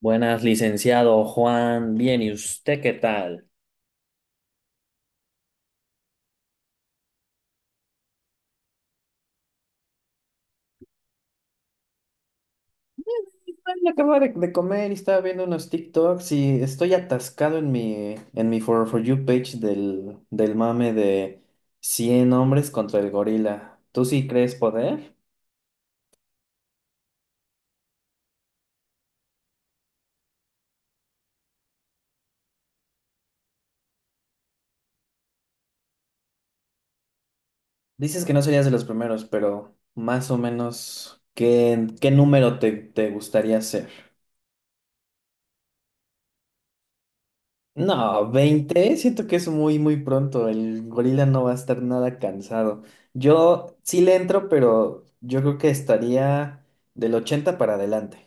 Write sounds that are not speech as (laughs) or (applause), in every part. Buenas, licenciado Juan. Bien, ¿y usted qué tal? Ay, acabo de comer y estaba viendo unos TikToks y estoy atascado en mi For You page del mame de 100 hombres contra el gorila. ¿Tú sí crees poder? Dices que no serías de los primeros, pero más o menos, ¿qué número te gustaría ser? No, 20. Siento que es muy, muy pronto. El gorila no va a estar nada cansado. Yo sí le entro, pero yo creo que estaría del 80 para adelante.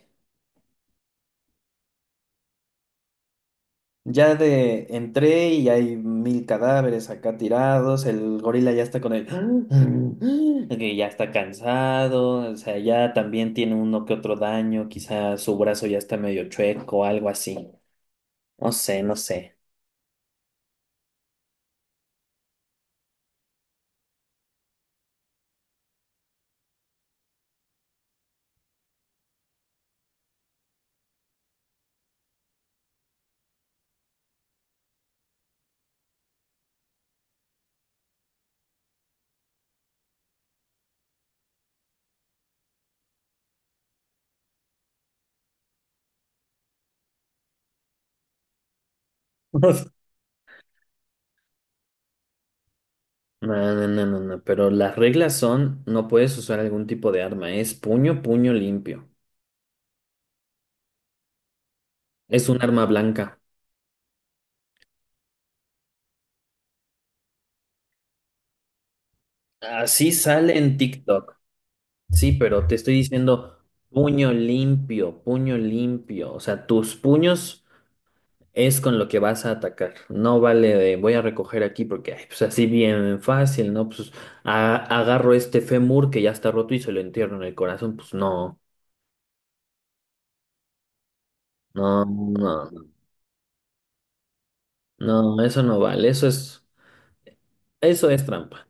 Ya de entré y hay 1000 cadáveres acá tirados. El gorila ya está con el (gasps) que ya está cansado. O sea, ya también tiene uno que otro daño. Quizá su brazo ya está medio chueco, algo así. No sé, no sé. (laughs) No, no, no, no, no, pero las reglas son, no puedes usar algún tipo de arma, es puño, puño limpio, es un arma blanca. Así sale en TikTok, sí, pero te estoy diciendo puño limpio, o sea, tus puños es con lo que vas a atacar, no vale de voy a recoger aquí porque, ay, pues así bien fácil, ¿no? Pues a- agarro este fémur que ya está roto y se lo entierro en el corazón, pues no, no, no, no, no, eso no vale, eso es trampa.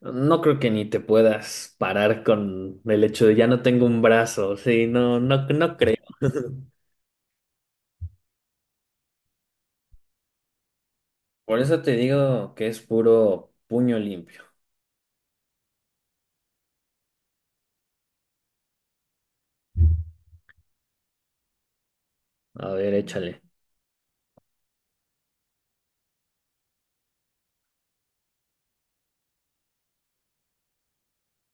No creo que ni te puedas parar con el hecho de ya no tengo un brazo, sí, no, no, no creo. (laughs) Por eso te digo que es puro puño limpio. A ver, échale.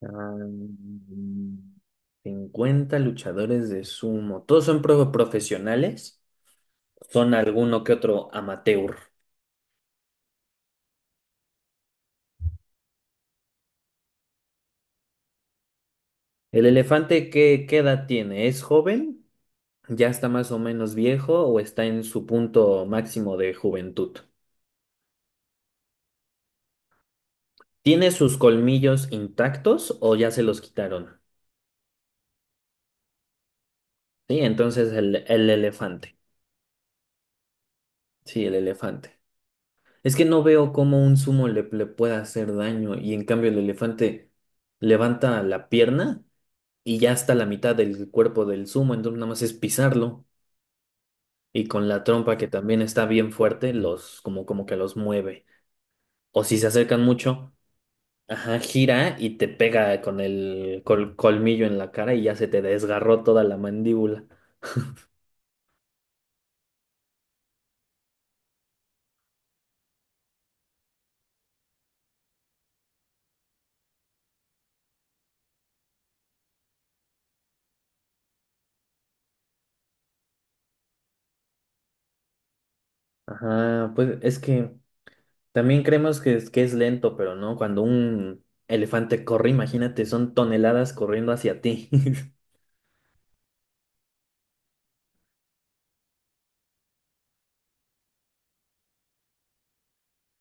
Ah, 50 luchadores de sumo. ¿Todos son profesionales? ¿Son alguno que otro amateur? El elefante, qué edad tiene? ¿Es joven? ¿Ya está más o menos viejo o está en su punto máximo de juventud? ¿Tiene sus colmillos intactos o ya se los quitaron? Sí, entonces el elefante. Sí, el elefante. Es que no veo cómo un sumo le pueda hacer daño y en cambio el elefante levanta la pierna y ya está la mitad del cuerpo del sumo, entonces nada más es pisarlo y con la trompa que también está bien fuerte los como como que los mueve. O si se acercan mucho, ajá, gira y te pega con el colmillo en la cara y ya se te desgarró toda la mandíbula. Ajá, pues es que también creemos que es lento, pero no, cuando un elefante corre, imagínate, son toneladas corriendo hacia ti. (laughs)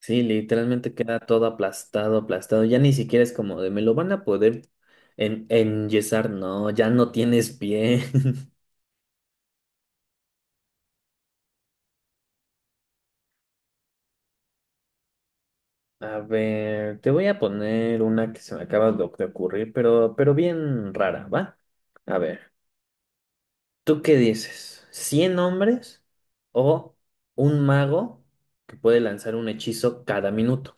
Sí, literalmente queda todo aplastado, aplastado. Ya ni siquiera es como de me lo van a poder en enyesar, no, ya no tienes pie. (laughs) A ver, te voy a poner una que se me acaba de ocurrir, pero bien rara, ¿va? A ver. ¿Tú qué dices? ¿100 hombres o un mago que puede lanzar un hechizo cada minuto?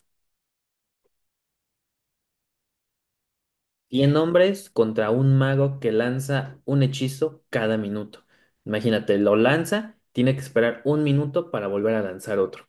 100 hombres contra un mago que lanza un hechizo cada minuto. Imagínate, lo lanza, tiene que esperar un minuto para volver a lanzar otro.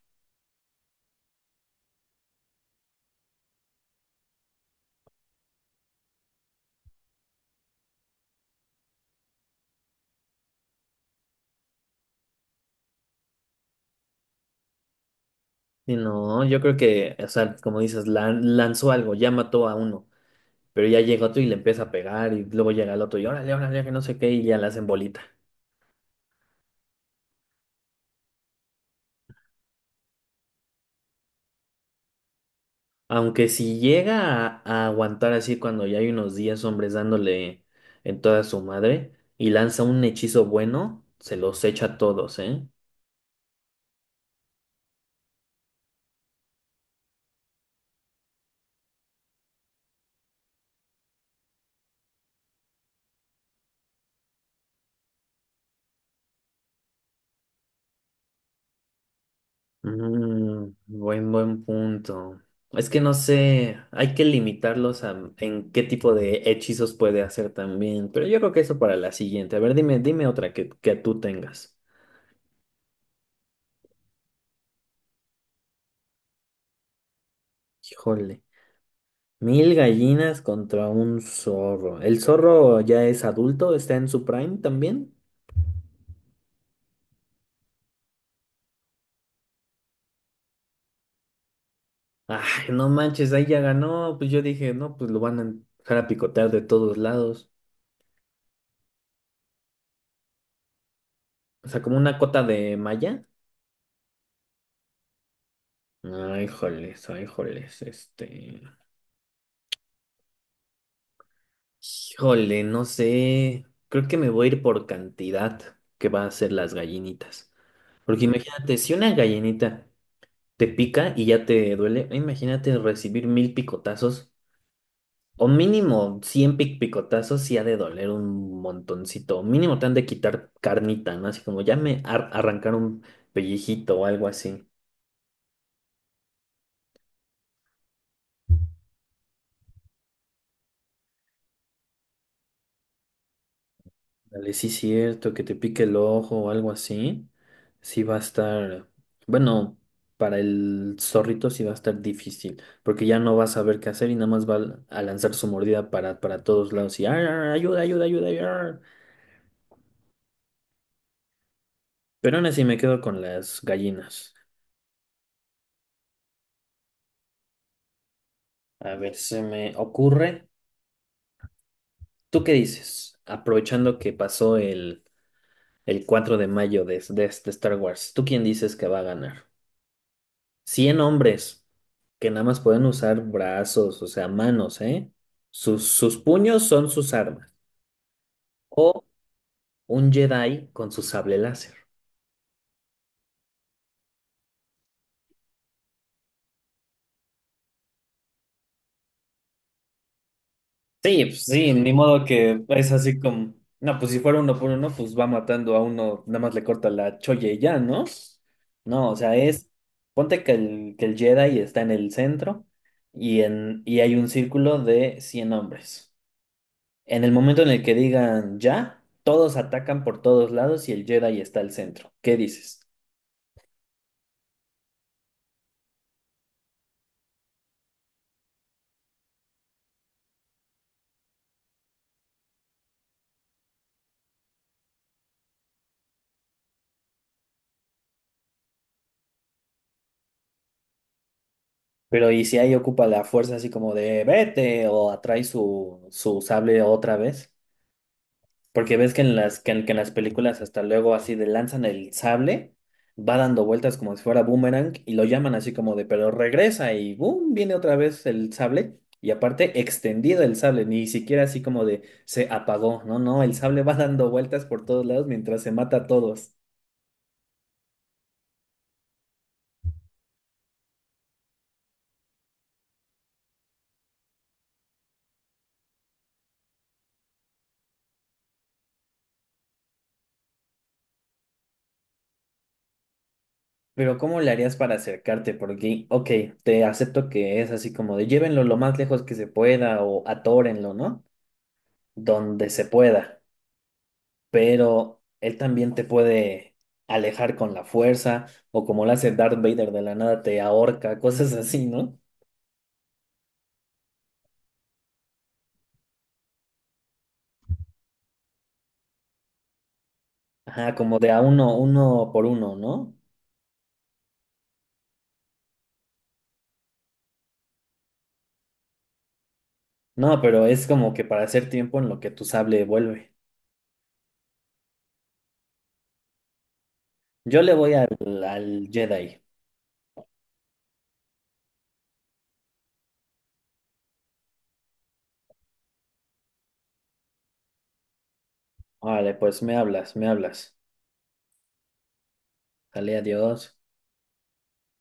Y no, yo creo que, o sea, como dices, lanzó algo, ya mató a uno, pero ya llega otro y le empieza a pegar y luego llega el otro y órale, órale, que no sé qué y ya la hacen bolita. Aunque si llega a aguantar así cuando ya hay unos días hombres dándole en toda su madre y lanza un hechizo bueno, se los echa a todos, ¿eh? Mm, buen punto. Es que no sé, hay que limitarlos a en qué tipo de hechizos puede hacer también, pero yo creo que eso para la siguiente. A ver, dime, dime otra que tú tengas. Híjole, 1000 gallinas contra un zorro. ¿El zorro ya es adulto? ¿Está en su prime también? Ay, no manches, ahí ya ganó. Pues yo dije, no, pues lo van a dejar a picotear de todos lados. O sea, como una cota de malla. Ay, joles, este. Híjole, no sé. Creo que me voy a ir por cantidad que va a ser las gallinitas. Porque imagínate, si una gallinita te pica y ya te duele, imagínate recibir 1000 picotazos. O mínimo 100 picotazos sí ha de doler un montoncito. Mínimo te han de quitar carnita, ¿no? Así como ya me arrancaron un pellejito o algo así. Dale, sí, cierto, que te pique el ojo o algo así. Sí va a estar. Bueno, para el zorrito sí va a estar difícil. Porque ya no va a saber qué hacer y nada más va a lanzar su mordida para todos lados. Y "ar, ar, ayuda, ayuda, ayuda, ayuda". Pero aún así me quedo con las gallinas. A ver, se me ocurre. ¿Tú qué dices? Aprovechando que pasó el 4 de mayo de este Star Wars, ¿tú quién dices que va a ganar? 100 hombres que nada más pueden usar brazos, o sea, manos, ¿eh? Sus, sus puños son sus armas. O un Jedi con su sable láser. Sí, pues sí, ni modo que es así como, no, pues si fuera uno por uno, pues va matando a uno, nada más le corta la cholla y ya, ¿no? No, o sea, es, ponte que el Jedi está en el centro y, en, y hay un círculo de 100 hombres. En el momento en el que digan ya, todos atacan por todos lados y el Jedi está al centro. ¿Qué dices? Pero ¿y si ahí ocupa la fuerza así como de vete o atrae su, su sable otra vez? Porque ves que en las, que en las películas hasta luego así de lanzan el sable, va dando vueltas como si fuera boomerang y lo llaman así como de, pero regresa y boom, viene otra vez el sable y aparte extendido el sable, ni siquiera así como de se apagó, no, no, el sable va dando vueltas por todos lados mientras se mata a todos. Pero ¿cómo le harías para acercarte? Porque, ok, te acepto que es así como de llévenlo lo más lejos que se pueda o atórenlo, ¿no? Donde se pueda. Pero él también te puede alejar con la fuerza, o como lo hace Darth Vader de la nada, te ahorca, cosas así, ¿no? Ajá, como de a uno, uno por uno, ¿no? No, pero es como que para hacer tiempo en lo que tu sable vuelve. Yo le voy al, al Jedi. Vale, pues me hablas, me hablas. Sale, adiós.